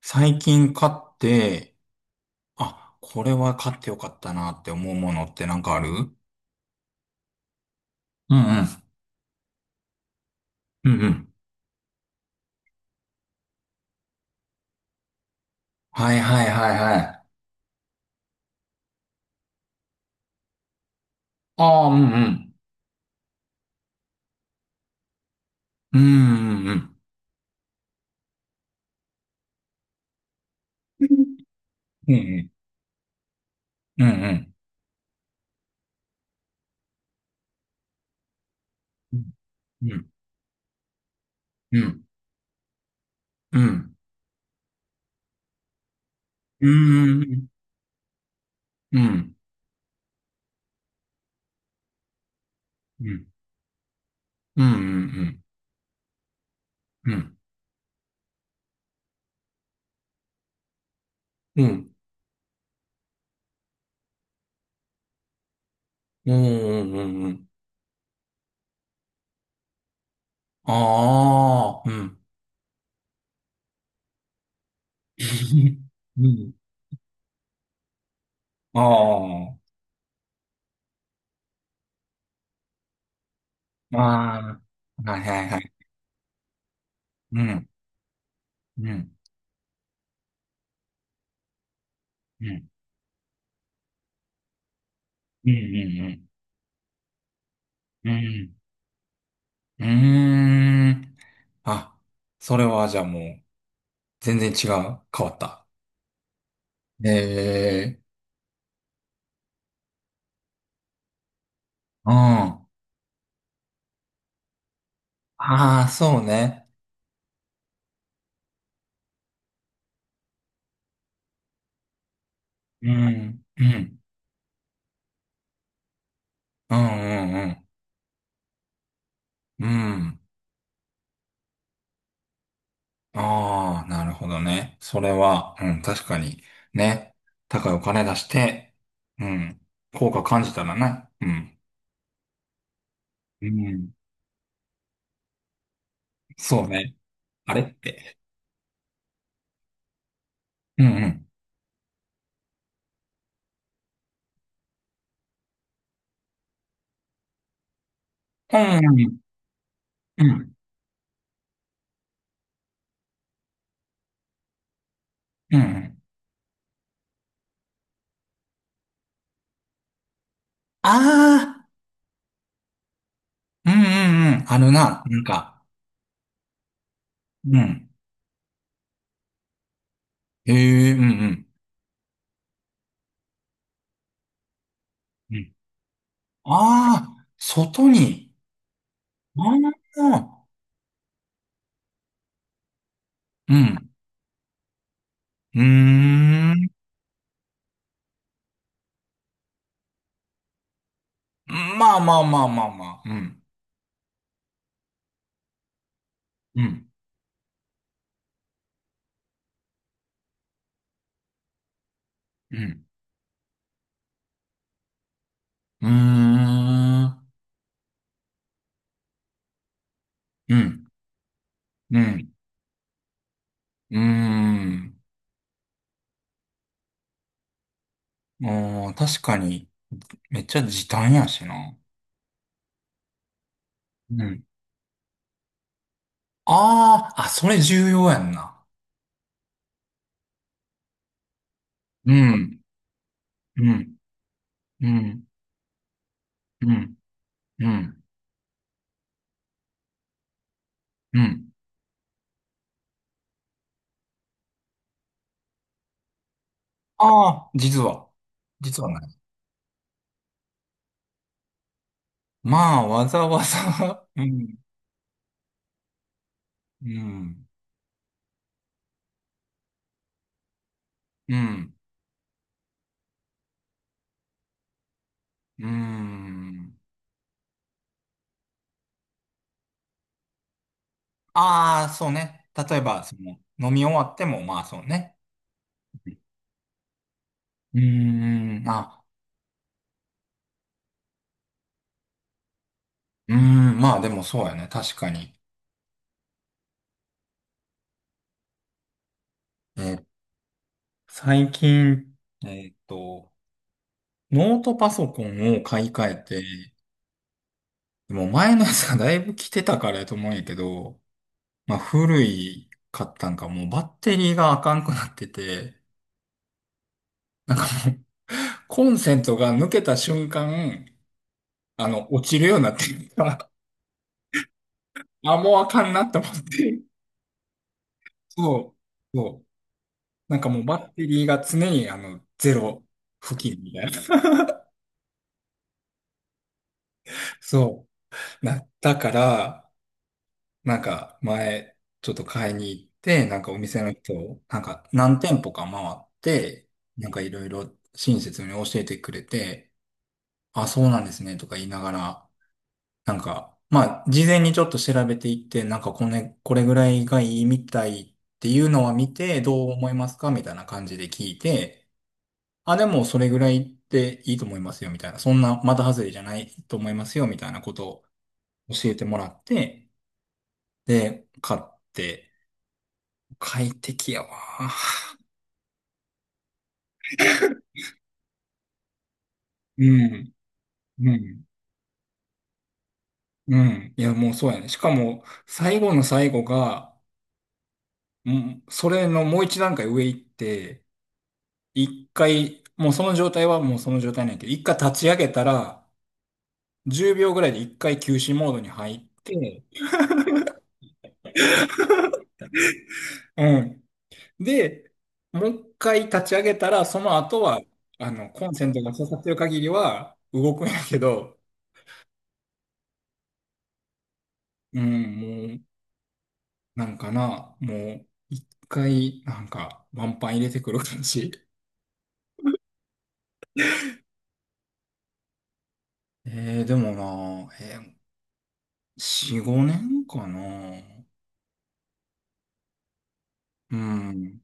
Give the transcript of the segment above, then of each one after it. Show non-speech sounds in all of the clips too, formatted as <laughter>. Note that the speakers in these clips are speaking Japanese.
最近買って、あ、これは買ってよかったなって思うものってなんかあるう？んうん。うんうん。はいはいはいはい。ああ、うんうん。うんうんうん。うんうん。うんうん。うんうん。うんうん。うん。うんうんうん。うん。うんうんうんうん。ああ、うん。うん。ああ、ああ、はいはいはい。うん。うん。うん。うんうんうんうん。うーん。あ、それはじゃあもう、全然違う。変わった。ええ、うん。ああ、そうね。うん、うん、うん、うん、うん。うん。ああ、なるほどね。それは、うん、確かに、ね。高いお金出して、うん、効果感じたらな。うん、うん、そうね。あれって。うん、うん、うん、うん、うん。うん。ああー、うんうんうん。あるな、なんか、うん。へえ、うんうん。うん。ああ、外に。ああ、うん。うーん。まあまあまあまあまあ。うん。うん。うん。うーん。うん。うん。うーん。あー、確かに、めっちゃ時短やしな。うん。ああ、あ、それ重要やんな。うん。うん。うん。うん。うん。うん。ああ、実は。実はない。まあ、わざわざ <laughs> うん、うん、うん、うん。ああ、そうね。例えば、その、飲み終わっても、まあ、そうね。うーん、あ、うーん、まあでもそうやね、確かに。えー最近、えーっと、ノートパソコンを買い替えて、でも前のやつがだいぶ来てたからやと思うんやけど、まあ古い買ったんか、もうバッテリーがあかんくなってて、コンセントが抜けた瞬間、あの、落ちるようになってるから、<laughs> あ、もうあかんなと思って、そう、そう。なんかもうバッテリーが常にあの、ゼロ付近みたいな。<laughs> そう、なったから、なんか前、ちょっと買いに行って、なんかお店の人、なんか何店舗か回って、なんかいろいろ親切に教えてくれて、あ、そうなんですね、とか言いながら、なんか、まあ、事前にちょっと調べていって、なんかこれ、これぐらいがいいみたいっていうのは見て、どう思いますかみたいな感じで聞いて、あ、でもそれぐらいでいいと思いますよ、みたいな。そんな、また外れじゃないと思いますよ、みたいなことを教えてもらって、で、買って、快適やわ。うん、うん、うん。いや、もうそうやね。しかも、最後の最後が、うん、それのもう一段階上行って、一回、もうその状態はもうその状態なんやけど、一回立ち上げたら、10秒ぐらいで一回休止モードに入って、うん。で、もう一回立ち上げたら、その後は、あの、コンセントが刺さってる限りは動くんやけど、うん、もう、なんかな、もう、一回、なんか、ワンパン入れてくる感じ。でもな、4、5年かな。うん、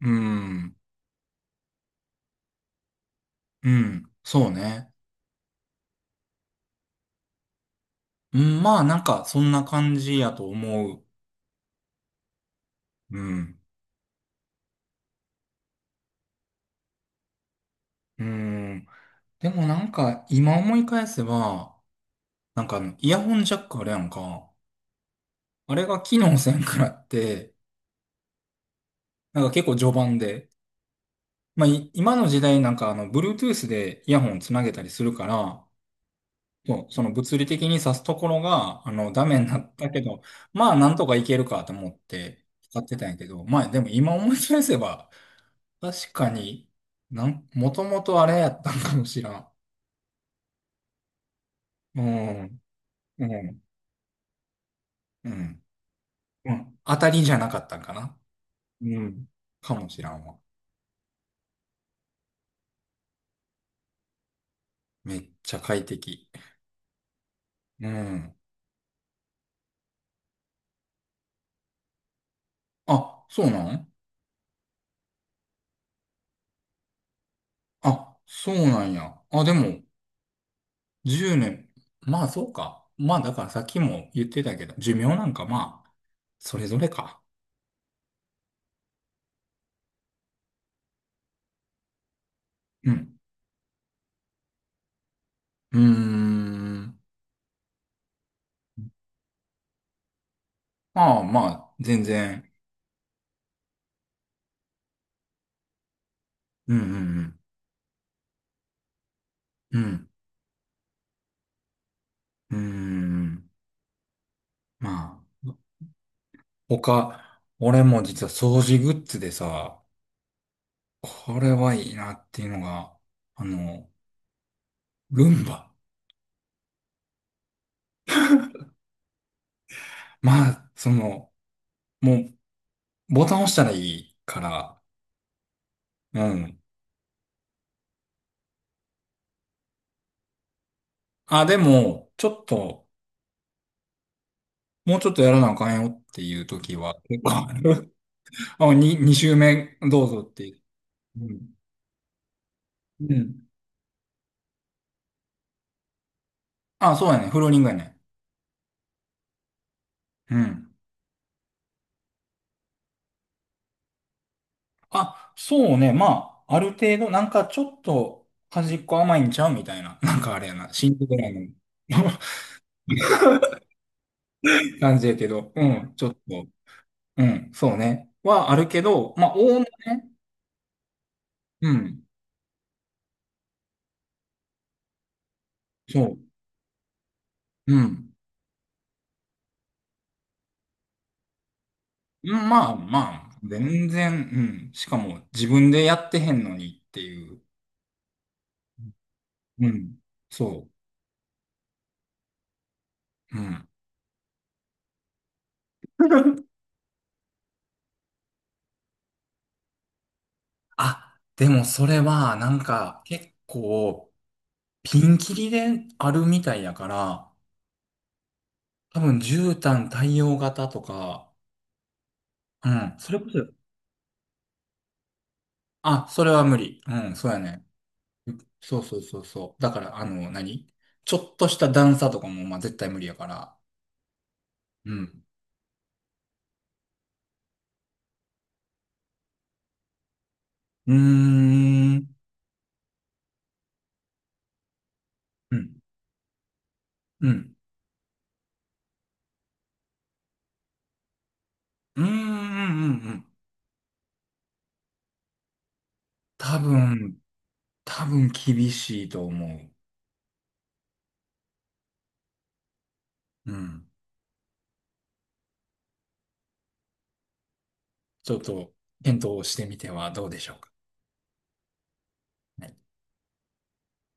うん、うん、そうね。うん、まあ、なんか、そんな感じやと思う。うん。うん。でもなんか、今思い返せば、なんかあの、イヤホンジャックあれやんか。あれが機能せんくらって、なんか結構序盤で。まあ、今の時代なんかあの、Bluetooth でイヤホンつなげたりするから、そう、その物理的に挿すところが、あの、ダメになったけど、まあ、なんとかいけるかと思って使ってたんやけど、まあ、でも今思い返せば、確かに、もともとあれやったんかもしらん。うん、うん、うん。うん、当たりじゃなかったんかな。うん。かもしらんわ。めっちゃ快適。うん。あ、そうなんあ、そうなんや。あ、でも、10年。まあ、そうか。まあ、だからさっきも言ってたけど、寿命なんかまあ、それぞれか。うん。うーん。まあまあ、全然。うんうんうん。うん。うーん。まあ、他、俺も実は掃除グッズでさ、これはいいなっていうのが、あの、ルンバ。まあ、その、もう、ボタン押したらいいから、うん。あ、でも、ちょっと、もうちょっとやらなあかんよっていう時は、結構ある。<laughs> あ、2周目、どうぞっていう。うん。うん。あ、そうやね。フローリングやね。うん。あ、そうね。まあ、ある程度、なんかちょっと、端っこ甘いんちゃうみたいな。なんかあれやな。新宿ぐらいの <laughs> 感じやけど、うん。ちょっと。うん、そうね。はあるけど、まあ、おおむね、うん、そう、うん。うん。まあまあ、全然、うん。しかも、自分でやってへんのにっていう。うん、そう、うん。<laughs> あ、でもそれはなんか結構ピンキリであるみたいやから、多分絨毯対応型とか、うん、それこそ、あ、それは無理。うん、そうやね。そうそうそうそう。だから、あの、ちょっとした段差とかも、まあ、絶対無理やから。うん。うーん、うん、うん、うーん、うん、うん。多分、多分厳しいと思う。うん。ちょっと、検討してみてはどうでしょうか。